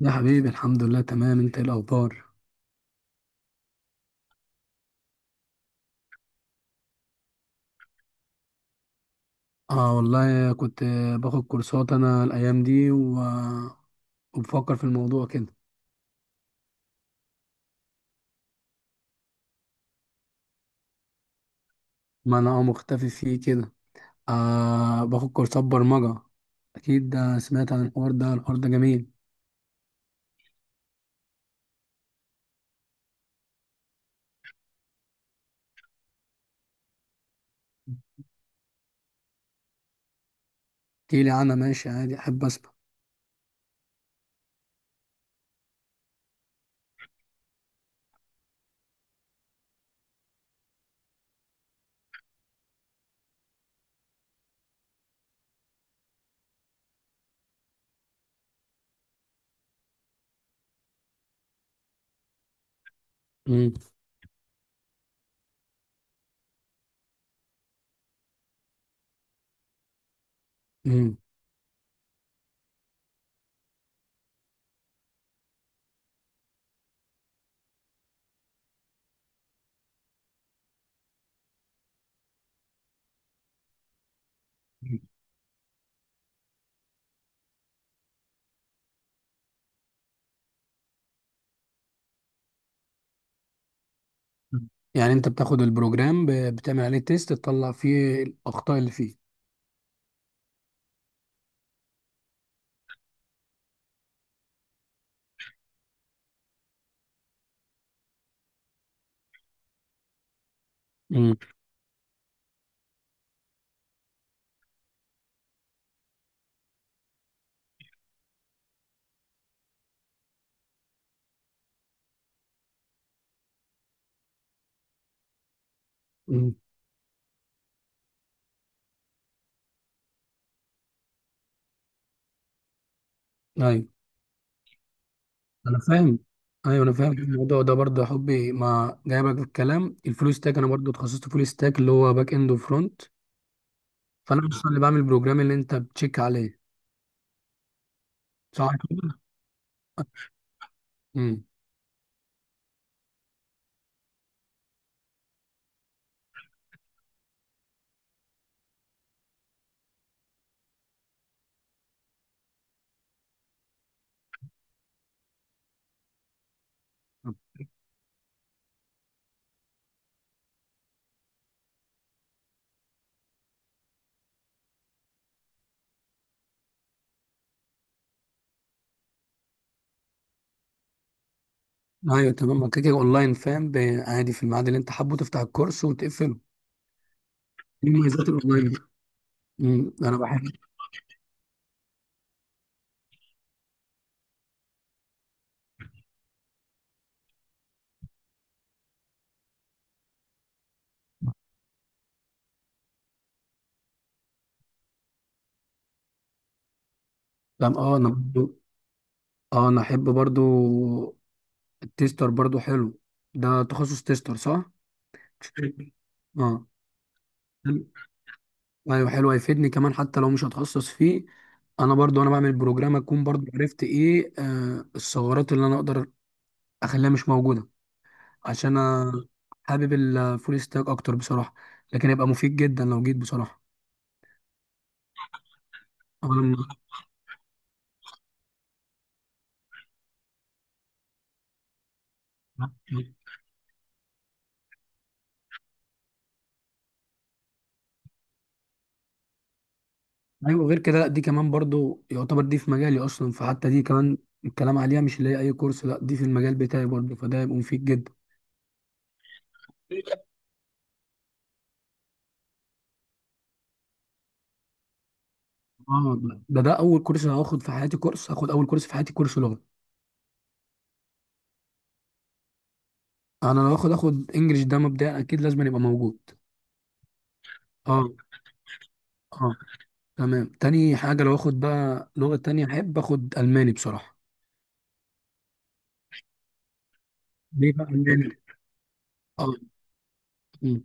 يا حبيبي، الحمد لله، تمام. انت ايه الاخبار؟ اه والله كنت باخد كورسات انا الايام دي وبفكر في الموضوع كده. ما انا مختفي فيه كده. باخد كورسات برمجة. اكيد، ده سمعت عن الحوار ده. الحوار ده جميل. احكيلي عنها. ماشي، عادي، احب اسمع. مم. مم. يعني انت بتاخد البروجرام بتعمل عليه تيست، تطلع فيه الاخطاء اللي فيه. امم انا فاهم. ايوه، انا فاهم الموضوع ده برضه يا حبي، ما جايبك في الكلام، الفول ستاك انا برضه اتخصصت فول ستاك، اللي هو باك اند وفرونت. فانا اصلا اللي بعمل البروجرام اللي انت بتشيك عليه. صح كده؟ امم. ايوب، تمام، ما كده كده اونلاين، فاهم. عادي، في الميعاد اللي انت حابه تفتح الكورس وتقفله. دي مميزات الاونلاين. انا بحب. تمام، انا برضه. اه، انا احب برضه. التيستر برضه حلو. ده تخصص تيستر، صح؟ اه. ايوه، حلو، هيفيدني كمان حتى لو مش هتخصص فيه. انا برضو بعمل بروجرام، اكون برضو عرفت ايه الثغرات اللي انا اقدر اخليها مش موجوده. عشان انا حابب الفول ستاك اكتر بصراحه، لكن هيبقى مفيد جدا لو جيت بصراحه. أنا. ايوه، غير كده، لا، دي كمان برضو يعتبر دي في مجالي اصلا، فحتى دي كمان الكلام عليها مش اللي هي اي كورس، لا، دي في المجال بتاعي برضو، فده هيبقى مفيد جدا. اه، ده اول كورس هاخد في حياتي، كورس هاخد اول كورس في حياتي، كورس لغه. انا لو اخد انجليش، ده مبدئيا اكيد لازم يبقى موجود. اه، اه. تمام. تاني حاجه، لو اخد بقى لغه تانية احب اخد الماني بصراحه. ليه بقى الماني؟ اه. أمم.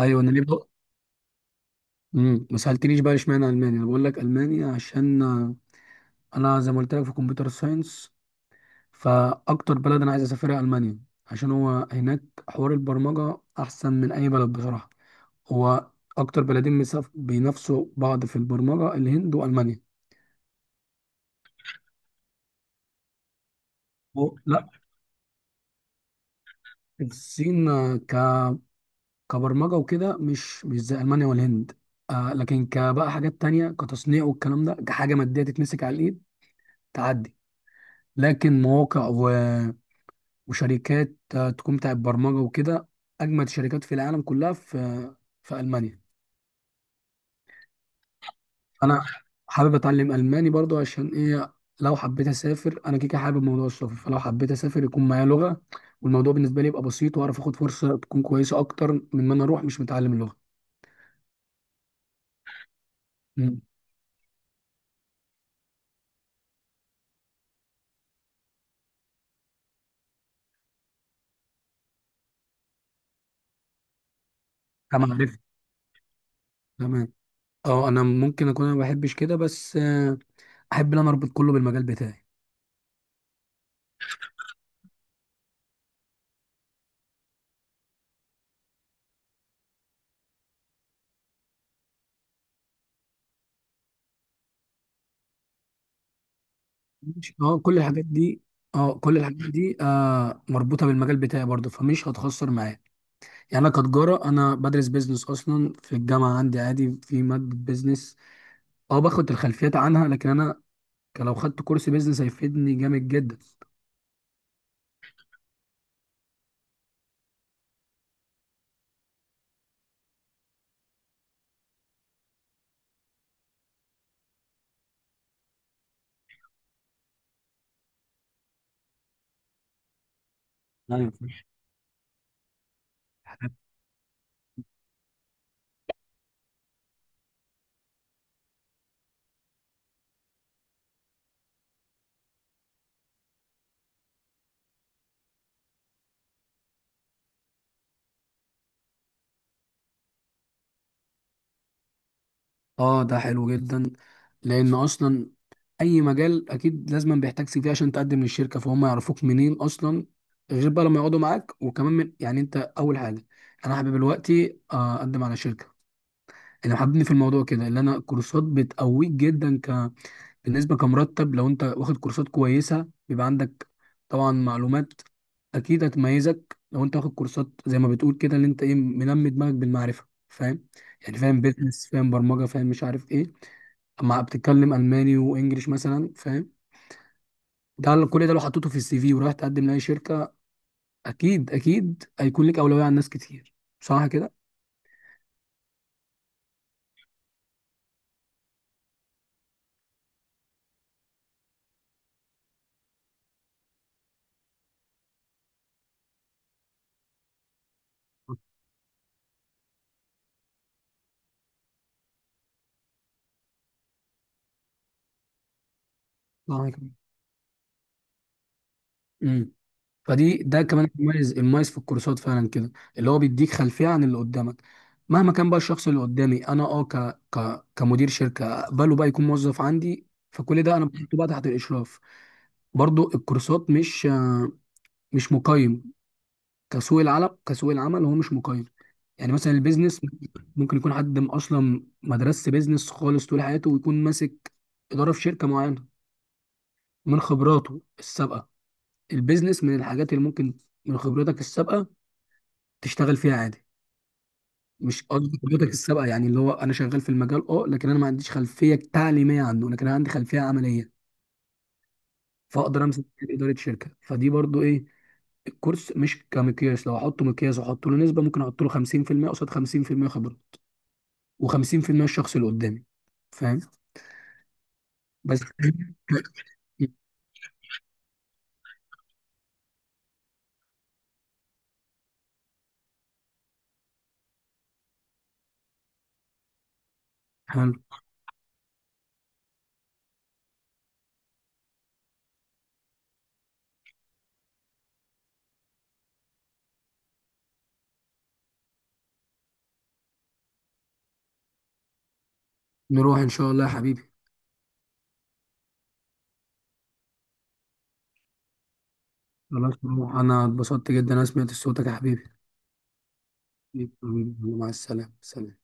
ايوه، انا ليه بقى؟ ما سالتنيش بقى اشمعنى الماني، انا بقول لك الماني عشان انا زي ما قلت لك في كمبيوتر ساينس، فاكتر بلد انا عايز اسافرها المانيا. عشان هو هناك حوار البرمجه احسن من اي بلد بصراحه. هو اكتر بلدين بينافسوا بعض في البرمجه، الهند والمانيا. لا، الصين كبرمجة وكده مش زي ألمانيا والهند. لكن كبقى حاجات تانية، كتصنيع والكلام ده، كحاجة مادية تتمسك على الإيد تعدي، لكن مواقع وشركات تكون بتاعت برمجة وكده، أجمد شركات في العالم كلها في ألمانيا. أنا حابب أتعلم ألماني برضو، عشان إيه؟ لو حبيت أسافر، أنا كيكة حابب موضوع السفر، فلو حبيت أسافر يكون معايا لغة والموضوع بالنسبة لي يبقى بسيط، وأعرف آخد فرصة تكون كويسة أكتر من ما أنا أروح مش متعلم اللغة. مم. كما عرفت. تمام، اه انا ممكن اكون انا ما بحبش كده بس احب ان انا اربط كله بالمجال بتاعي. مش، اه، كل الحاجات دي. اه، كل الحاجات دي مربوطه بالمجال بتاعي برضه، فمش هتخسر معايا. يعني، انا كتجاره، انا بدرس بيزنس اصلا في الجامعه، عندي عادي في ماده بيزنس. اه، باخد الخلفيات عنها لكن انا لو خدت كورس بيزنس هيفيدني جامد جدا. ايوه. اه، ده حلو جدا. لان اصلا اي مجال اكيد لازم بيحتاج سي في عشان تقدم للشركه، فهم يعرفوك منين اصلا، غير بقى لما يقعدوا معاك. وكمان من، يعني انت اول حاجه، انا حابب دلوقتي اقدم على شركه اللي حاببني في الموضوع كده، اللي انا كورسات بتقويك جدا. بالنسبه كمرتب، لو انت واخد كورسات كويسه بيبقى عندك طبعا معلومات، اكيد هتميزك لو انت واخد كورسات زي ما بتقول كده، اللي انت ايه، منمي دماغك بالمعرفه، فاهم. يعني فاهم بيزنس، فاهم برمجه، فاهم مش عارف ايه، مع بتتكلم الماني وانجليش مثلا، فاهم. ده كل ده لو حطيته في السي في ورايح تقدم لاي شركه، اكيد اكيد هيكون لك اولويه عن ناس كتير. صح كده؟ صح كده؟ امم. فدي، ده كمان المميز المميز في الكورسات فعلا كده، اللي هو بيديك خلفيه عن اللي قدامك. مهما كان بقى الشخص اللي قدامي، انا كمدير شركه اقبله بقى يكون موظف عندي. فكل ده انا بحطه بقى تحت الاشراف. برضو الكورسات مش مش مقيم كسوق العمل هو مش مقيم. يعني مثلا البيزنس، ممكن يكون حد اصلا ما درسش بيزنس خالص طول حياته ويكون ماسك اداره في شركه معينه من خبراته السابقه. البيزنس من الحاجات اللي ممكن من خبرتك السابقه تشتغل فيها عادي. مش قصدي خبرتك السابقه، يعني اللي هو انا شغال في المجال، اه، لكن انا ما عنديش خلفيه تعليميه عنه، لكن انا عندي خلفيه عمليه. فاقدر امسك اداره شركه، فدي برضو ايه، الكورس مش كمقياس. لو احطه مقياس واحط له نسبه ممكن احط له 50% قصاد 50% خبره، و50% الشخص اللي قدامي، فاهم. بس. حلو، نروح ان شاء الله يا حبيبي. خلاص نروح، انا اتبسطت جدا انا سمعت صوتك يا حبيبي. مع السلامة، سلام.